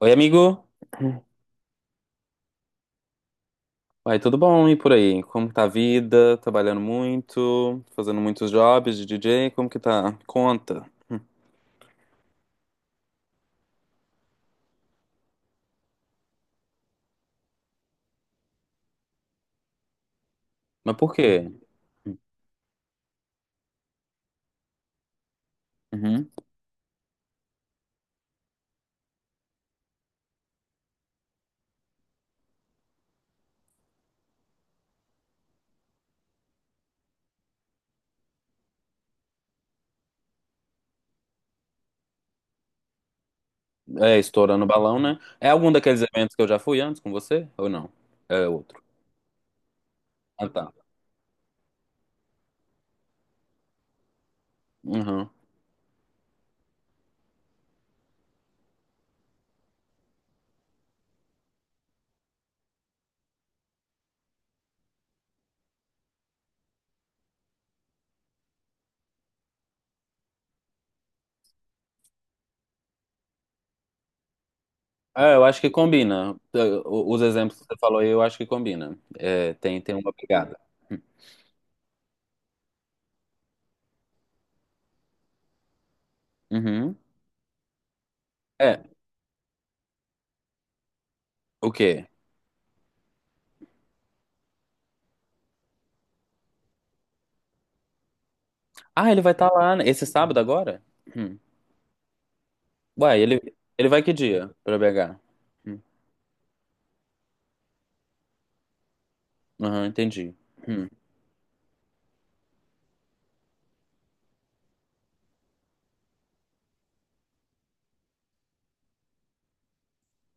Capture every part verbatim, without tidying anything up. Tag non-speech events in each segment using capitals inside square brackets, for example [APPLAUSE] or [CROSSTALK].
Oi, amigo. Vai, tudo bom? E por aí? Como tá a vida? Trabalhando muito? Fazendo muitos jobs de D J? Como que tá? Conta. Mas por quê? Uhum. É, estourando o balão, né? É algum daqueles eventos que eu já fui antes com você? Ou não? É outro. Ah, tá. Uhum. É, eu acho que combina. Eh, o- Os exemplos que você falou aí, eu acho que combina. É, tem, tem uma pegada. Uhum. É, o quê? Ah, ele vai estar lá, né? Esse sábado agora? Hum. Uai, ele, ele vai que dia pra B H? Aham, entendi. Hum,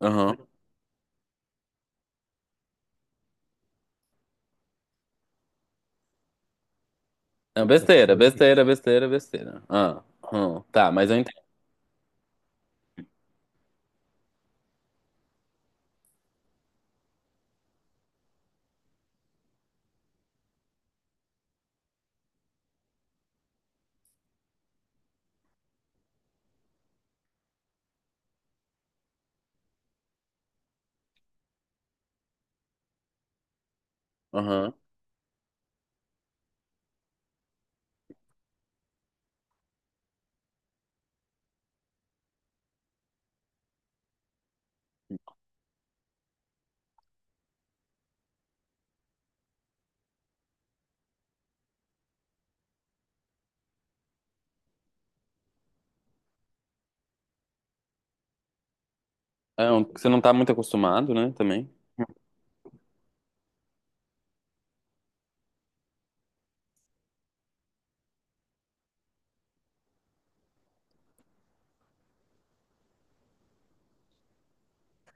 Aham. É besteira, besteira, besteira, besteira. Ah, hum, tá, mas eu entendo. Aham. É um que você não tá muito acostumado, né, também.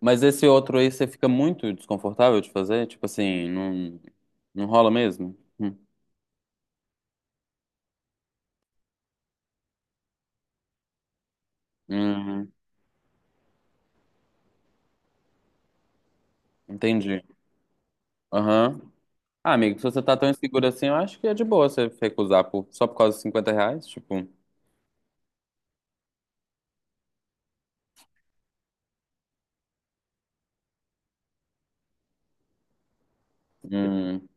Mas esse outro aí você fica muito desconfortável de fazer? Tipo assim, não, não rola mesmo? Hum, hum, Entendi. Aham. Ah, amigo, se você tá tão inseguro assim, eu acho que é de boa você recusar por, só por causa de cinquenta reais. Tipo, hum,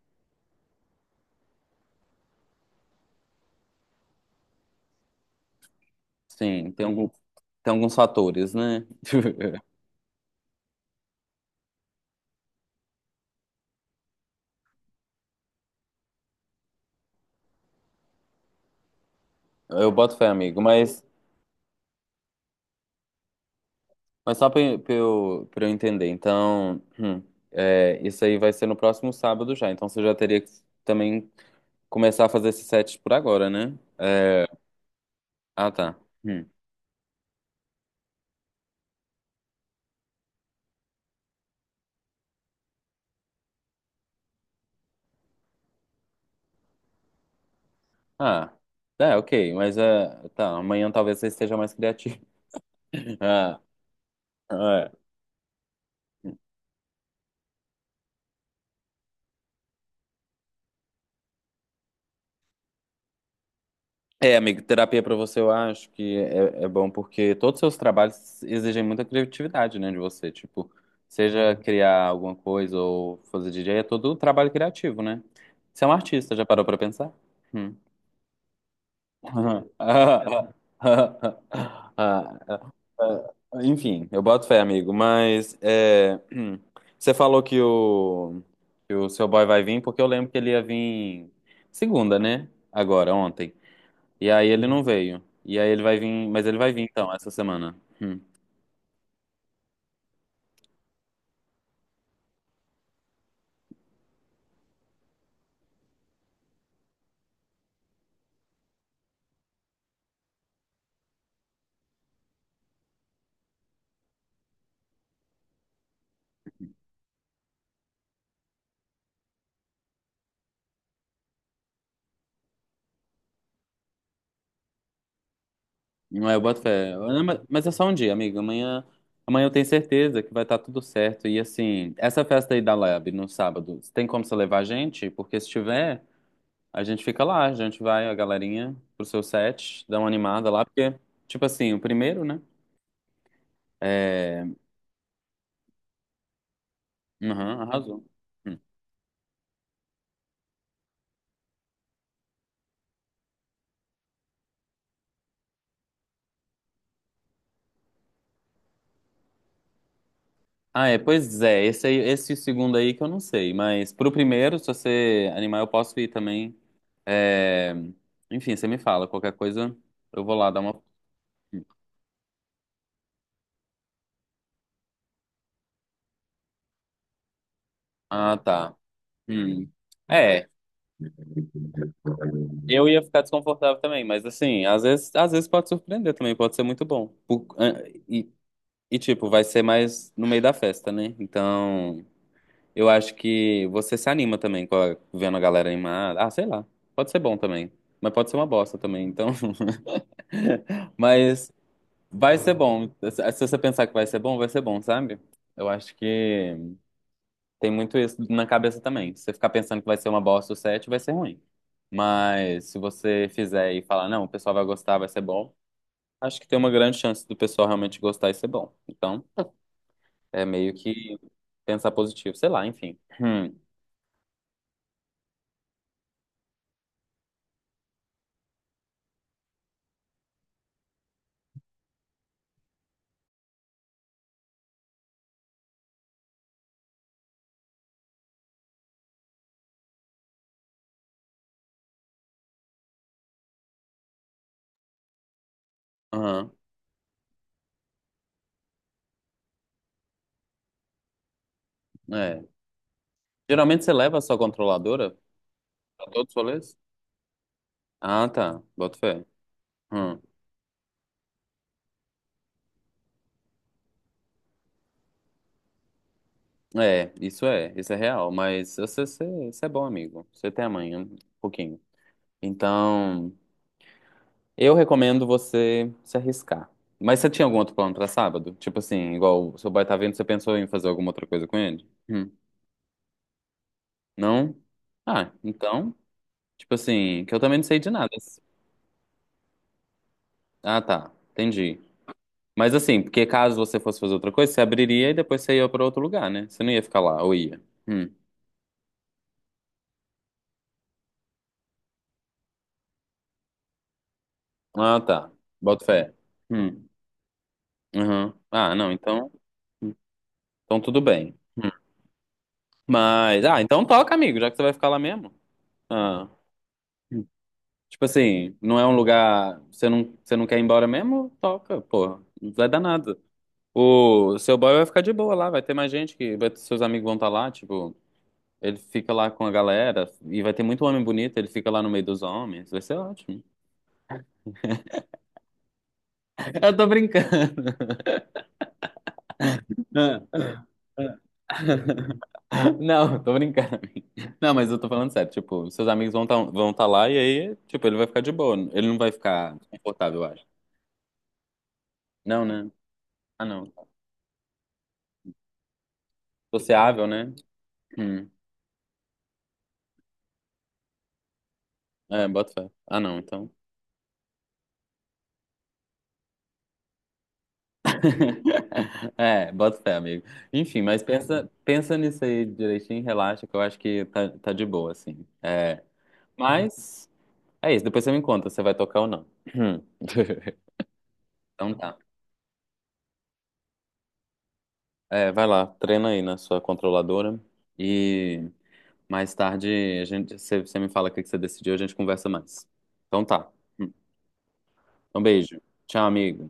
sim, tem algum, tem alguns fatores, né? [LAUGHS] Eu boto fé, amigo, mas. Mas só pra pra eu, pra eu entender, então, hum, é, isso aí vai ser no próximo sábado já. Então você já teria que também começar a fazer esses sets por agora, né? Ah, tá. Hum. Ah, é, ok. Mas é, tá, amanhã talvez você esteja mais criativo. [LAUGHS] Ah, é. É, amigo, terapia pra você eu acho que é, é bom porque todos os seus trabalhos exigem muita criatividade, né, de você. Tipo, seja criar alguma coisa ou fazer D J, é todo trabalho criativo, né? Você é um artista, já parou pra pensar? Hum. [LAUGHS] Ah, enfim, eu boto fé, amigo. Mas é, [CLEARS THROAT] você falou que o, que o seu boy vai vir, porque eu lembro que ele ia vir segunda, né? Agora, ontem. E aí ele não veio. E aí ele vai vir, mas ele vai vir então, essa semana. Hum. Não é, eu boto fé. Ah, Mas mas é só um dia, amigo. Amanhã, amanhã eu tenho certeza que vai estar tudo certo. E assim, essa festa aí da Lab no sábado, tem como você levar a gente? Porque se tiver. A gente fica lá, a gente vai, a galerinha, pro seu set, dá uma animada lá, porque, tipo assim, o primeiro, né? É. Aham, arrasou. Hum. Ah, é, pois é, esse aí, esse segundo aí que eu não sei, mas pro primeiro, se você animar, eu posso ir também. É... Enfim, você me fala, qualquer coisa, eu vou lá dar uma. Ah, tá. Hum. É, eu ia ficar desconfortável também, mas assim, às vezes, às vezes pode surpreender também, pode ser muito bom. Por- ah, E E, tipo, vai ser mais no meio da festa, né? Então, eu acho que você se anima também com a- vendo a galera animada. Ah, sei lá. Pode ser bom também. Mas pode ser uma bosta também. Então, [LAUGHS] mas vai ser bom. Se você pensar que vai ser bom, vai ser bom, sabe? Eu acho que tem muito isso na cabeça também. Se você ficar pensando que vai ser uma bosta o set, vai ser ruim. Mas se você fizer e falar, não, o pessoal vai gostar, vai ser bom, acho que tem uma grande chance do pessoal realmente gostar e ser bom. Então. É meio que pensar positivo, sei lá, enfim. Hum, aham, é. Geralmente você leva a sua controladora pra todos os rolês? Ah, tá, boto fé. Hum, é, isso é, isso é real, mas você, você, você é bom amigo, você tem amanhã, um pouquinho. Então, eu recomendo você se arriscar. Mas você tinha algum outro plano pra sábado? Tipo assim, igual o seu boy tá vendo, você pensou em fazer alguma outra coisa com ele? Hum, não? Ah, então, tipo assim, que eu também não sei de nada. Ah, tá, entendi. Mas assim, porque caso você fosse fazer outra coisa, você abriria e depois você ia pra outro lugar, né? Você não ia ficar lá, ou ia? Hum. Ah, tá. Boto fé. Hum. Uhum. Ah, não, então. Então tudo bem. Mas. Ah, então toca, amigo, já que você vai ficar lá mesmo. Ah. Hum. Tipo assim, não é um lugar. Você não, você não quer ir embora mesmo? Toca, porra. Não vai dar nada. O seu boy vai ficar de boa lá, vai ter mais gente que. Vai, seus amigos vão estar lá, tipo. Ele fica lá com a galera e vai ter muito homem bonito, ele fica lá no meio dos homens, vai ser ótimo. Eu tô brincando. Não, tô brincando. Não, mas eu tô falando sério. Tipo, seus amigos vão estar vão tá lá e aí, tipo, ele vai ficar de boa. Ele não vai ficar desconfortável, eu acho. Não, né? Ah, não. Sociável, né? Hum. É, bota fé. Ah, não, então. [LAUGHS] É, bota fé, amigo. Enfim, mas pensa, pensa nisso aí direitinho, relaxa, que eu acho que tá, tá de boa, assim. É, mas é isso, depois você me conta se você vai tocar ou não. [LAUGHS] [CLEARS THROAT] Então tá. É, vai lá, treina aí na sua controladora e mais tarde a gente, você, você me fala o que que você decidiu, a gente conversa mais. Então tá. Um beijo. Tchau, amigo.